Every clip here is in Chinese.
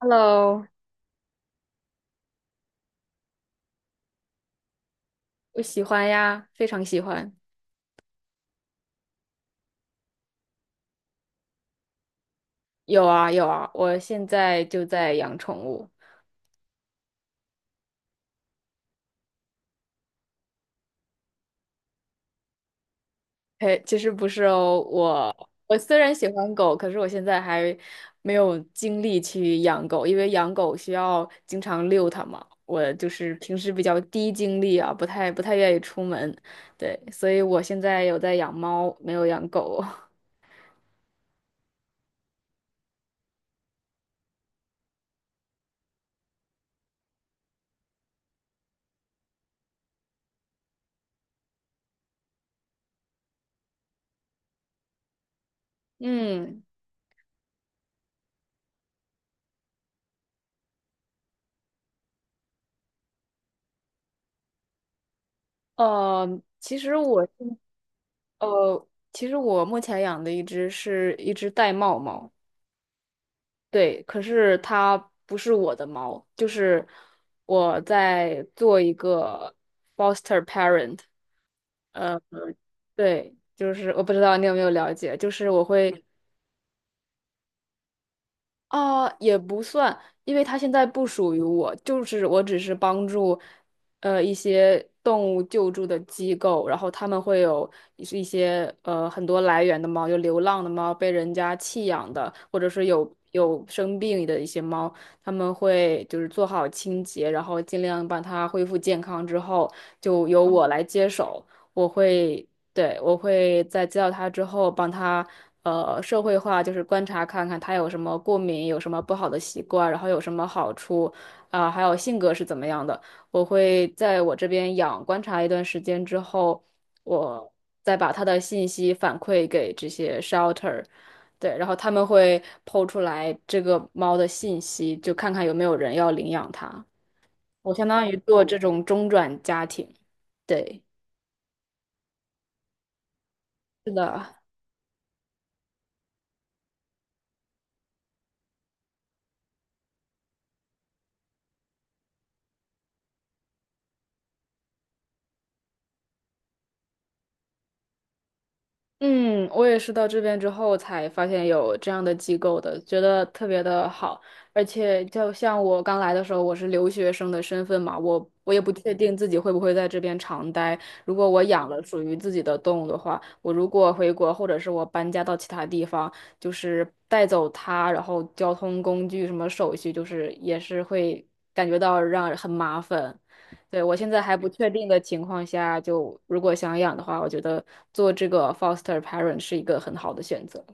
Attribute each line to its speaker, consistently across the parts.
Speaker 1: Hello，我喜欢呀，非常喜欢。有啊有啊，我现在就在养宠物。嘿，其实不是哦，我虽然喜欢狗，可是我现在还没有精力去养狗，因为养狗需要经常遛它嘛。我就是平时比较低精力啊，不太愿意出门，对，所以我现在有在养猫，没有养狗。嗯，呃，其实我现，其实我目前养的一只是一只玳瑁猫，对，可是它不是我的猫，就是我在做一个 foster parent。呃，对，就是我不知道你有没有了解，就是我会啊，也不算，因为它现在不属于我，就是我只是帮助，一些动物救助的机构，然后他们会有一些很多来源的猫，有流浪的猫，被人家弃养的，或者是有生病的一些猫，他们会就是做好清洁，然后尽量把它恢复健康之后，就由我来接手，我会对，我会在接到他之后，帮他社会化，就是观察看看他有什么过敏，有什么不好的习惯，然后有什么好处，还有性格是怎么样的。我会在我这边养观察一段时间之后，我再把他的信息反馈给这些 shelter，对，然后他们会抛出来这个猫的信息，就看看有没有人要领养它。我相当于做这种中转家庭，对，是的。嗯，我也是到这边之后才发现有这样的机构的，觉得特别的好。而且就像我刚来的时候，我是留学生的身份嘛，我也不确定自己会不会在这边常待。如果我养了属于自己的动物的话，我如果回国或者是我搬家到其他地方，就是带走它，然后交通工具什么手续，就是也是会感觉到让人很麻烦。对，我现在还不确定的情况下，就如果想养的话，我觉得做这个 foster parent 是一个很好的选择。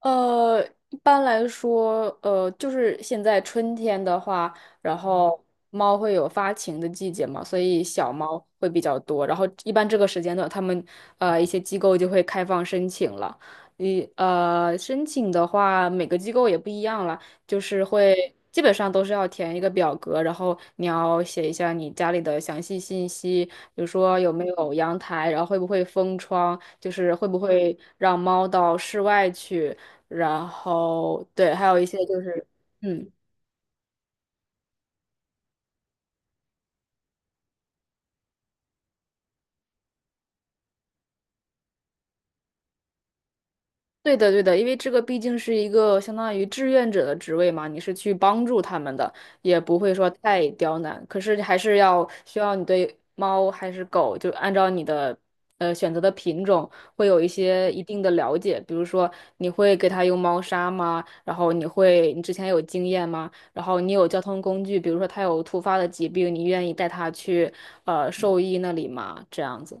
Speaker 1: 呃，一般来说，就是现在春天的话，然后猫会有发情的季节嘛，所以小猫会比较多。然后一般这个时间段，他们一些机构就会开放申请了。你申请的话，每个机构也不一样了，就是会基本上都是要填一个表格，然后你要写一下你家里的详细信息，比如说有没有阳台，然后会不会封窗，就是会不会让猫到室外去，然后对，还有一些就是，嗯，对的，对的，因为这个毕竟是一个相当于志愿者的职位嘛，你是去帮助他们的，也不会说太刁难，可是还是要需要你对猫还是狗，就按照你的选择的品种，会有一些一定的了解，比如说你会给它用猫砂吗？然后你会，你之前有经验吗？然后你有交通工具，比如说它有突发的疾病，你愿意带它去兽医那里吗？这样子。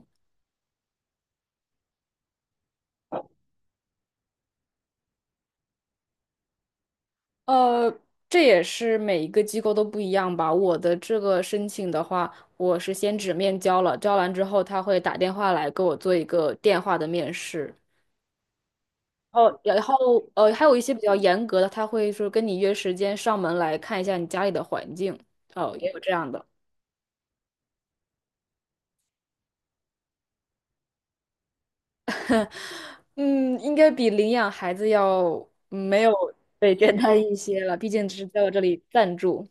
Speaker 1: 呃，这也是每一个机构都不一样吧。我的这个申请的话，我是先纸面交了，交完之后他会打电话来给我做一个电话的面试。哦，然后还有一些比较严格的，他会说跟你约时间上门来看一下你家里的环境。哦，也有这样的。嗯，应该比领养孩子要没有，对，简单一些了，毕竟只是在我这里暂住。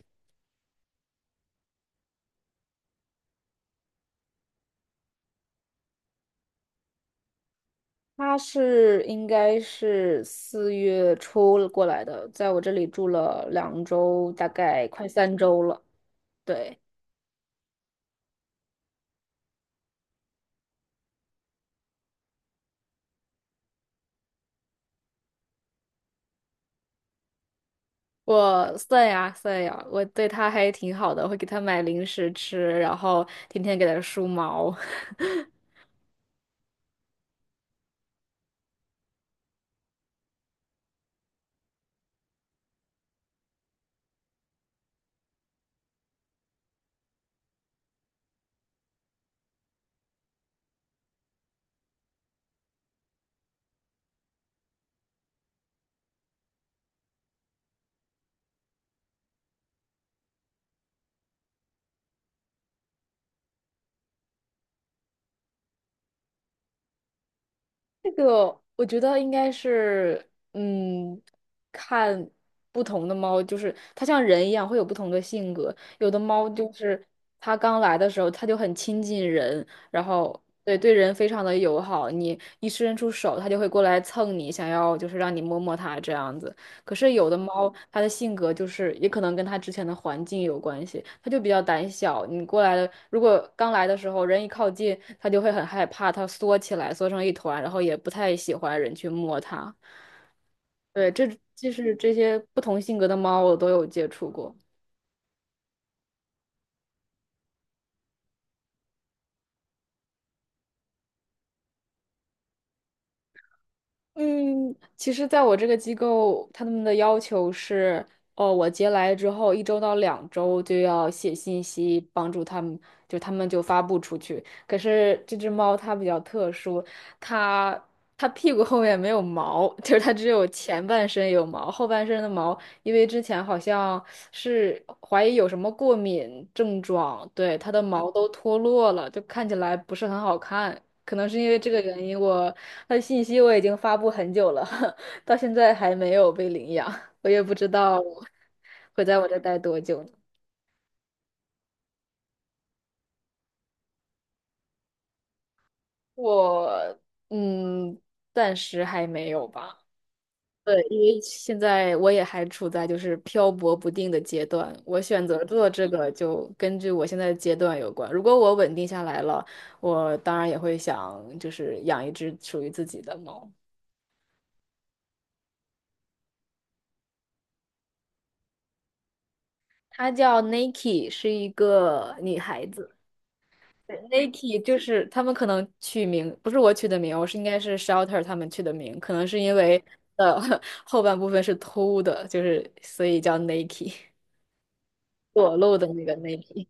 Speaker 1: 他应该是4月初了过来的，在我这里住了两周，大概快3周了。对，我算呀算呀，我对他还挺好的，会给他买零食吃，然后天天给他梳毛。这个我觉得应该是，嗯，看不同的猫，就是它像人一样会有不同的性格。有的猫就是它刚来的时候，它就很亲近人，然后对，对人非常的友好，你一伸出手，它就会过来蹭你，想要就是让你摸摸它这样子。可是有的猫，它的性格就是也可能跟它之前的环境有关系，它就比较胆小。你过来的，如果刚来的时候人一靠近，它就会很害怕，它缩起来，缩成一团，然后也不太喜欢人去摸它。对，这就是这些不同性格的猫，我都有接触过。嗯，其实，在我这个机构，他们的要求是，哦，我接来之后1到2周就要写信息，帮助他们，就他们就发布出去。可是这只猫它比较特殊，它它屁股后面没有毛，就是它只有前半身有毛，后半身的毛因为之前好像是怀疑有什么过敏症状，对，它的毛都脱落了，就看起来不是很好看。可能是因为这个原因我，它的信息我已经发布很久了，到现在还没有被领养，我也不知道会在我这待多久呢。我嗯，暂时还没有吧。对，因为现在我也还处在就是漂泊不定的阶段，我选择做这个就根据我现在的阶段有关。如果我稳定下来了，我当然也会想就是养一只属于自己的猫，它叫 Nike，是一个女孩子。Nike 就是他们可能取名不是我取的名，应该是 Shelter 他们取的名，可能是因为呃 后半部分是偷的，就是所以叫 Nike，裸露的那个 Nike。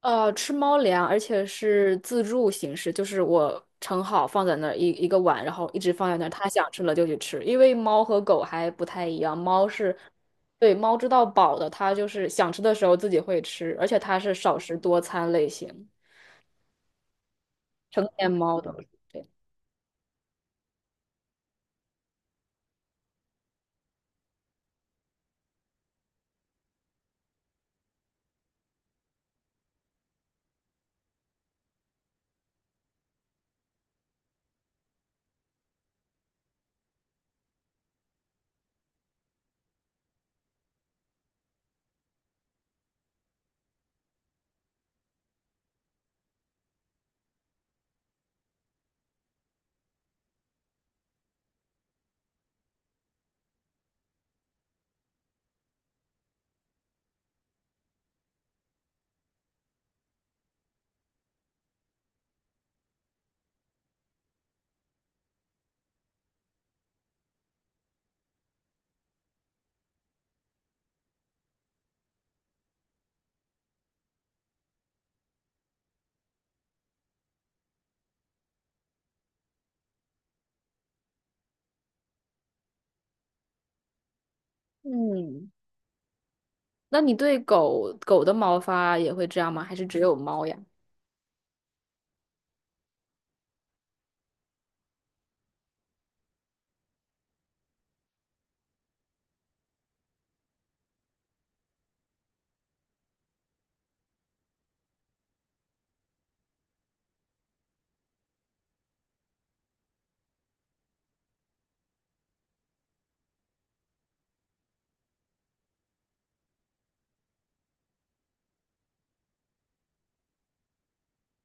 Speaker 1: 吃猫粮，而且是自助形式，就是我盛好放在那儿一个碗，然后一直放在那儿，它想吃了就去吃。因为猫和狗还不太一样，对，猫知道饱的，它就是想吃的时候自己会吃，而且它是少食多餐类型，成年猫都是对。嗯，那你对狗狗的毛发也会这样吗？还是只有猫呀？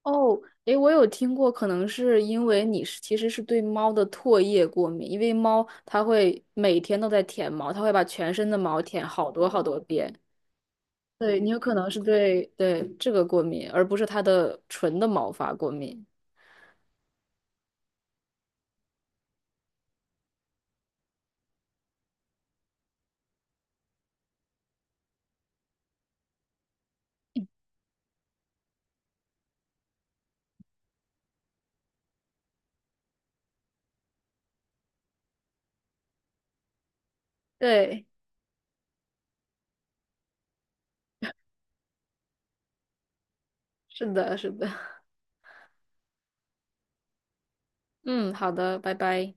Speaker 1: 哦，诶，我有听过，可能是因为你是其实是对猫的唾液过敏，因为猫它会每天都在舔毛，它会把全身的毛舔好多好多遍。对，你有可能是对对这个过敏，而不是它的纯的毛发过敏。对，是的，是的。嗯，好的，拜拜。